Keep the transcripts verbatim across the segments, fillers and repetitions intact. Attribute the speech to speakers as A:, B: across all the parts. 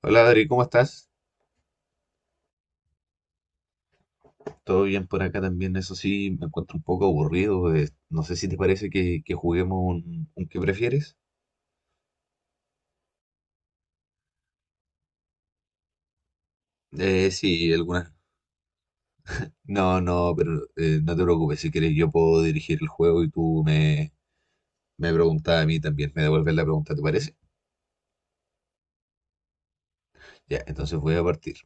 A: Hola Adri, ¿cómo estás? Todo bien por acá también, eso sí, me encuentro un poco aburrido. Eh, no sé si te parece que, que juguemos un, un ¿qué prefieres? Eh, sí, algunas. No, no, pero eh, no te preocupes, si quieres yo puedo dirigir el juego y tú me, me preguntas a mí también, me devuelves la pregunta, ¿te parece? Ya, entonces voy a partir.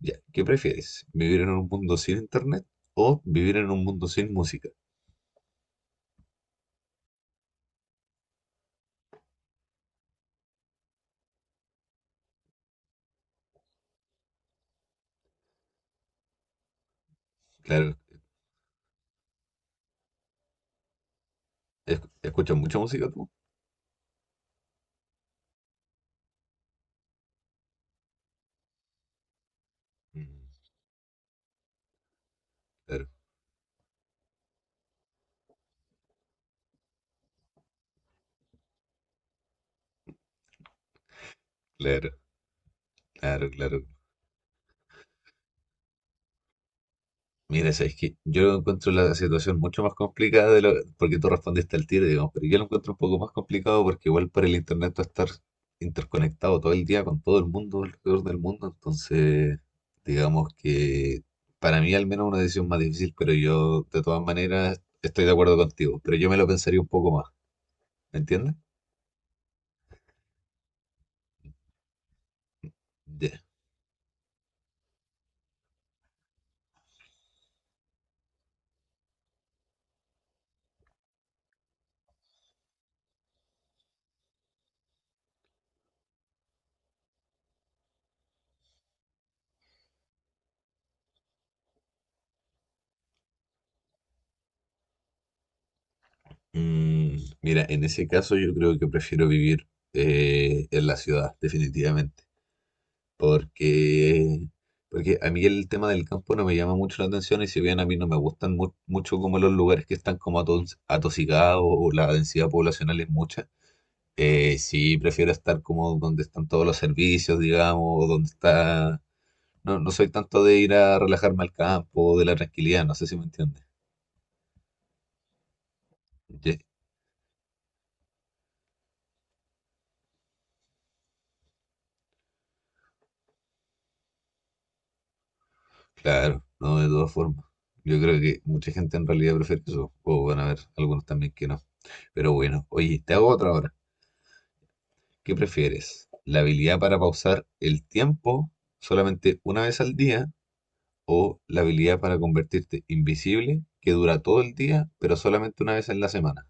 A: Ya, ¿qué prefieres? ¿Vivir en un mundo sin internet o vivir en un mundo sin música? Claro, ¿es- ¿escuchas mucha música tú? Mm. Claro, claro, claro, claro. Mira, sabes que yo encuentro la situación mucho más complicada de lo, porque tú respondiste al tiro, digamos, pero yo lo encuentro un poco más complicado porque igual por el internet tú estar interconectado todo el día con todo el mundo alrededor del mundo, entonces digamos que para mí al menos una decisión más difícil, pero yo de todas maneras estoy de acuerdo contigo, pero yo me lo pensaría un poco más, ¿me entiendes? Ya. Mm, mira, en ese caso yo creo que prefiero vivir eh, en la ciudad, definitivamente. Porque, porque a mí el tema del campo no me llama mucho la atención y si bien a mí no me gustan mu- mucho como los lugares que están como atos- atosigados o la densidad poblacional es mucha, eh, sí prefiero estar como donde están todos los servicios, digamos, o donde está. No, no soy tanto de ir a relajarme al campo, de la tranquilidad, no sé si me entiendes. Ye-. Claro, no, de todas formas. Yo creo que mucha gente en realidad prefiere eso, o van a ver algunos también que no. Pero bueno, oye, te hago otra hora. ¿Qué prefieres? ¿La habilidad para pausar el tiempo solamente una vez al día o la habilidad para convertirte invisible que dura todo el día, pero solamente una vez en la semana?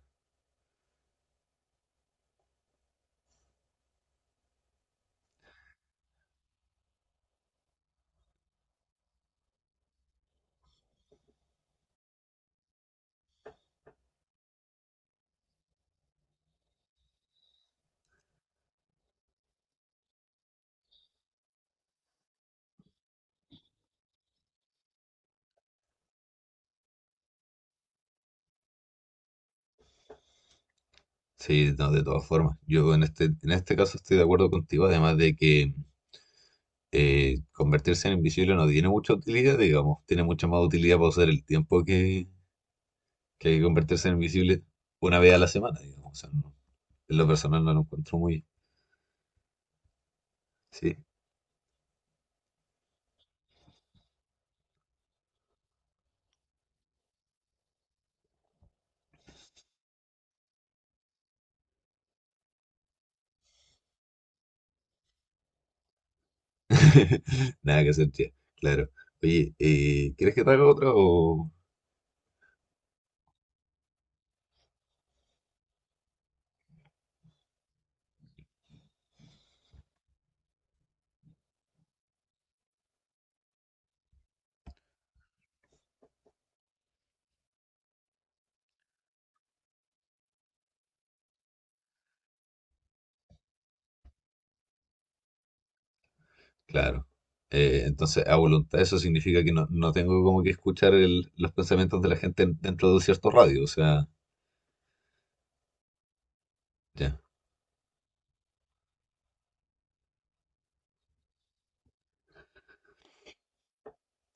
A: Sí, no, de todas formas. Yo en este, en este caso estoy de acuerdo contigo, además de que eh, convertirse en invisible no tiene mucha utilidad, digamos. Tiene mucha más utilidad pausar el tiempo que, que convertirse en invisible una vez a la semana, digamos. O sea, no, en lo personal no lo encuentro muy. Sí. Nada que hacer, tía. Claro. Oye, eh, ¿quieres que te haga otra o...? Claro. Eh, entonces, a voluntad, eso significa que no, no tengo como que escuchar el- los pensamientos de la gente dentro de un cierto radio. O sea, ya,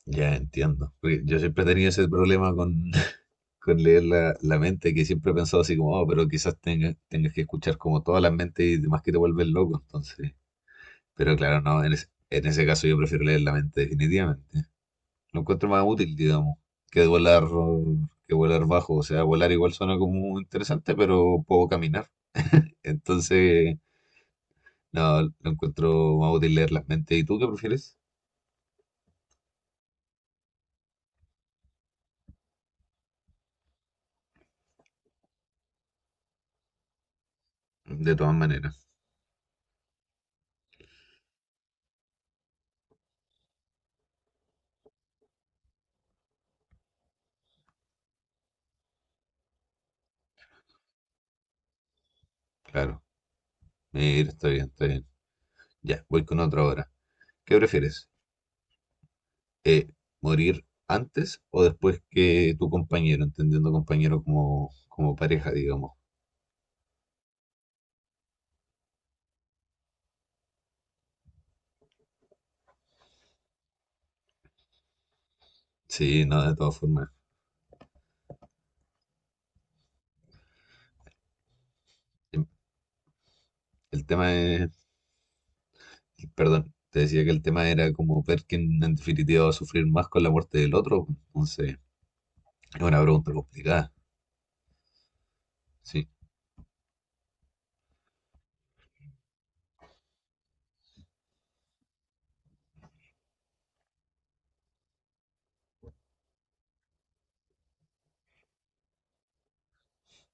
A: ya entiendo. Porque yo siempre tenía ese problema con, con leer la, la mente, que siempre he pensado así como, oh, pero quizás tengas, tengas que escuchar como todas las mentes y demás que te vuelven loco. Entonces, pero claro, no, en, es- en ese caso yo prefiero leer la mente definitivamente. Lo encuentro más útil, digamos, que volar, que volar bajo. O sea, volar igual suena como interesante, pero puedo caminar. Entonces, no, lo encuentro más útil leer las mentes. ¿Y tú qué prefieres? De todas maneras, claro. Mira, está bien, está bien. Ya, voy con otra hora. ¿Qué prefieres? Eh, ¿morir antes o después que tu compañero? Entendiendo compañero como, como pareja, digamos. Sí, no, de todas formas. El el tema es. Y, perdón, te decía que el tema era como ver quién en definitiva va a sufrir más con la muerte del otro. Pues, entonces, es una pregunta complicada. Sí,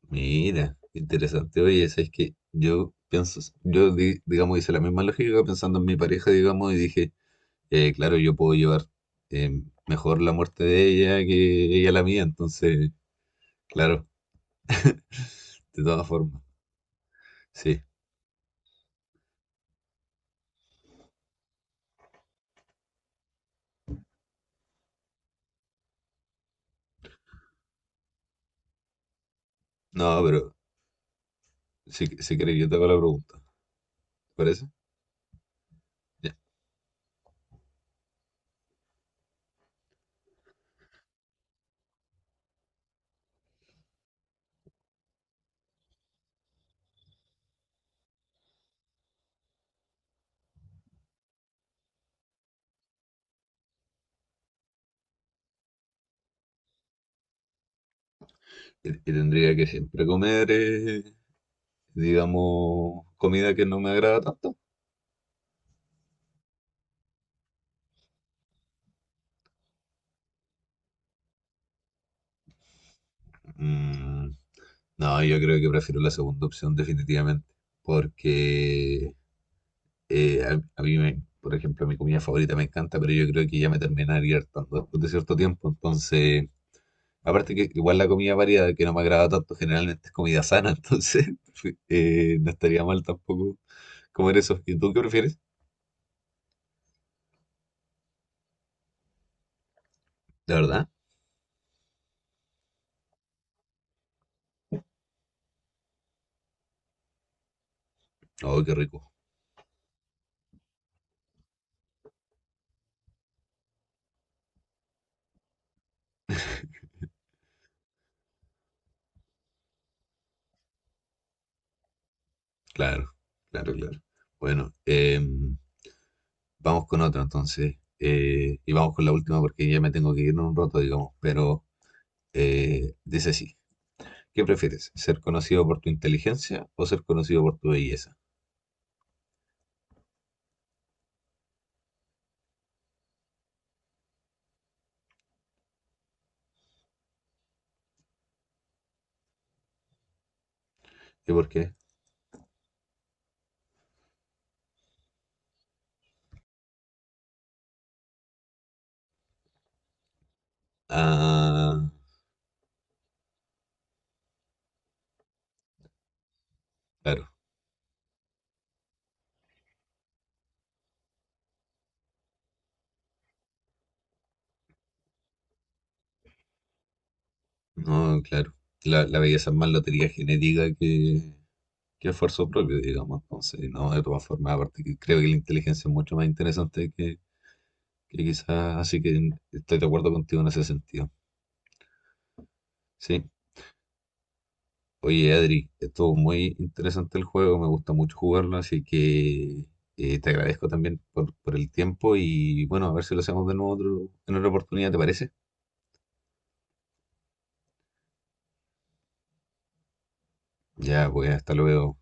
A: mira, interesante. Oye, ¿sabes que Yo pienso, yo di- digamos hice la misma lógica pensando en mi pareja, digamos, y dije, eh, claro, yo puedo llevar eh, mejor la muerte de ella que ella la mía. Entonces, claro, de todas formas. Sí, no, pero si, si querés yo te hago la pregunta. ¿Te parece? Ya. Y, y tendría que siempre comer. Eh, digamos, comida que no me agrada tanto. Mm, no, yo creo que prefiero la segunda opción definitivamente, porque eh, a, a mí, me, por ejemplo, mi comida favorita me encanta, pero yo creo que ya me terminaría hartando después de cierto tiempo. Entonces, aparte que igual la comida variada que no me agrada tanto generalmente es comida sana, entonces eh, no estaría mal tampoco comer eso. ¿Y tú qué prefieres? ¿De verdad? Oh, qué rico. Claro, claro, claro. Bueno, eh, vamos con otro entonces. Eh, y vamos con la última porque ya me tengo que ir en un rato, digamos. Pero eh, dice así. ¿Qué prefieres? ¿Ser conocido por tu inteligencia o ser conocido por tu belleza? ¿Y por qué? Ah, claro. No, claro. La, la belleza es más lotería genética que, que esfuerzo propio, digamos. Entonces, no, de todas formas, aparte que creo que la inteligencia es mucho más interesante que, que quizás. Así que estoy de acuerdo contigo en ese sentido. Sí. Oye, Adri, estuvo muy interesante el juego, me gusta mucho jugarlo, así que eh, te agradezco también por, por el tiempo y bueno, a ver si lo hacemos de nuevo otro- en otra oportunidad, ¿te parece? Ya, pues hasta luego.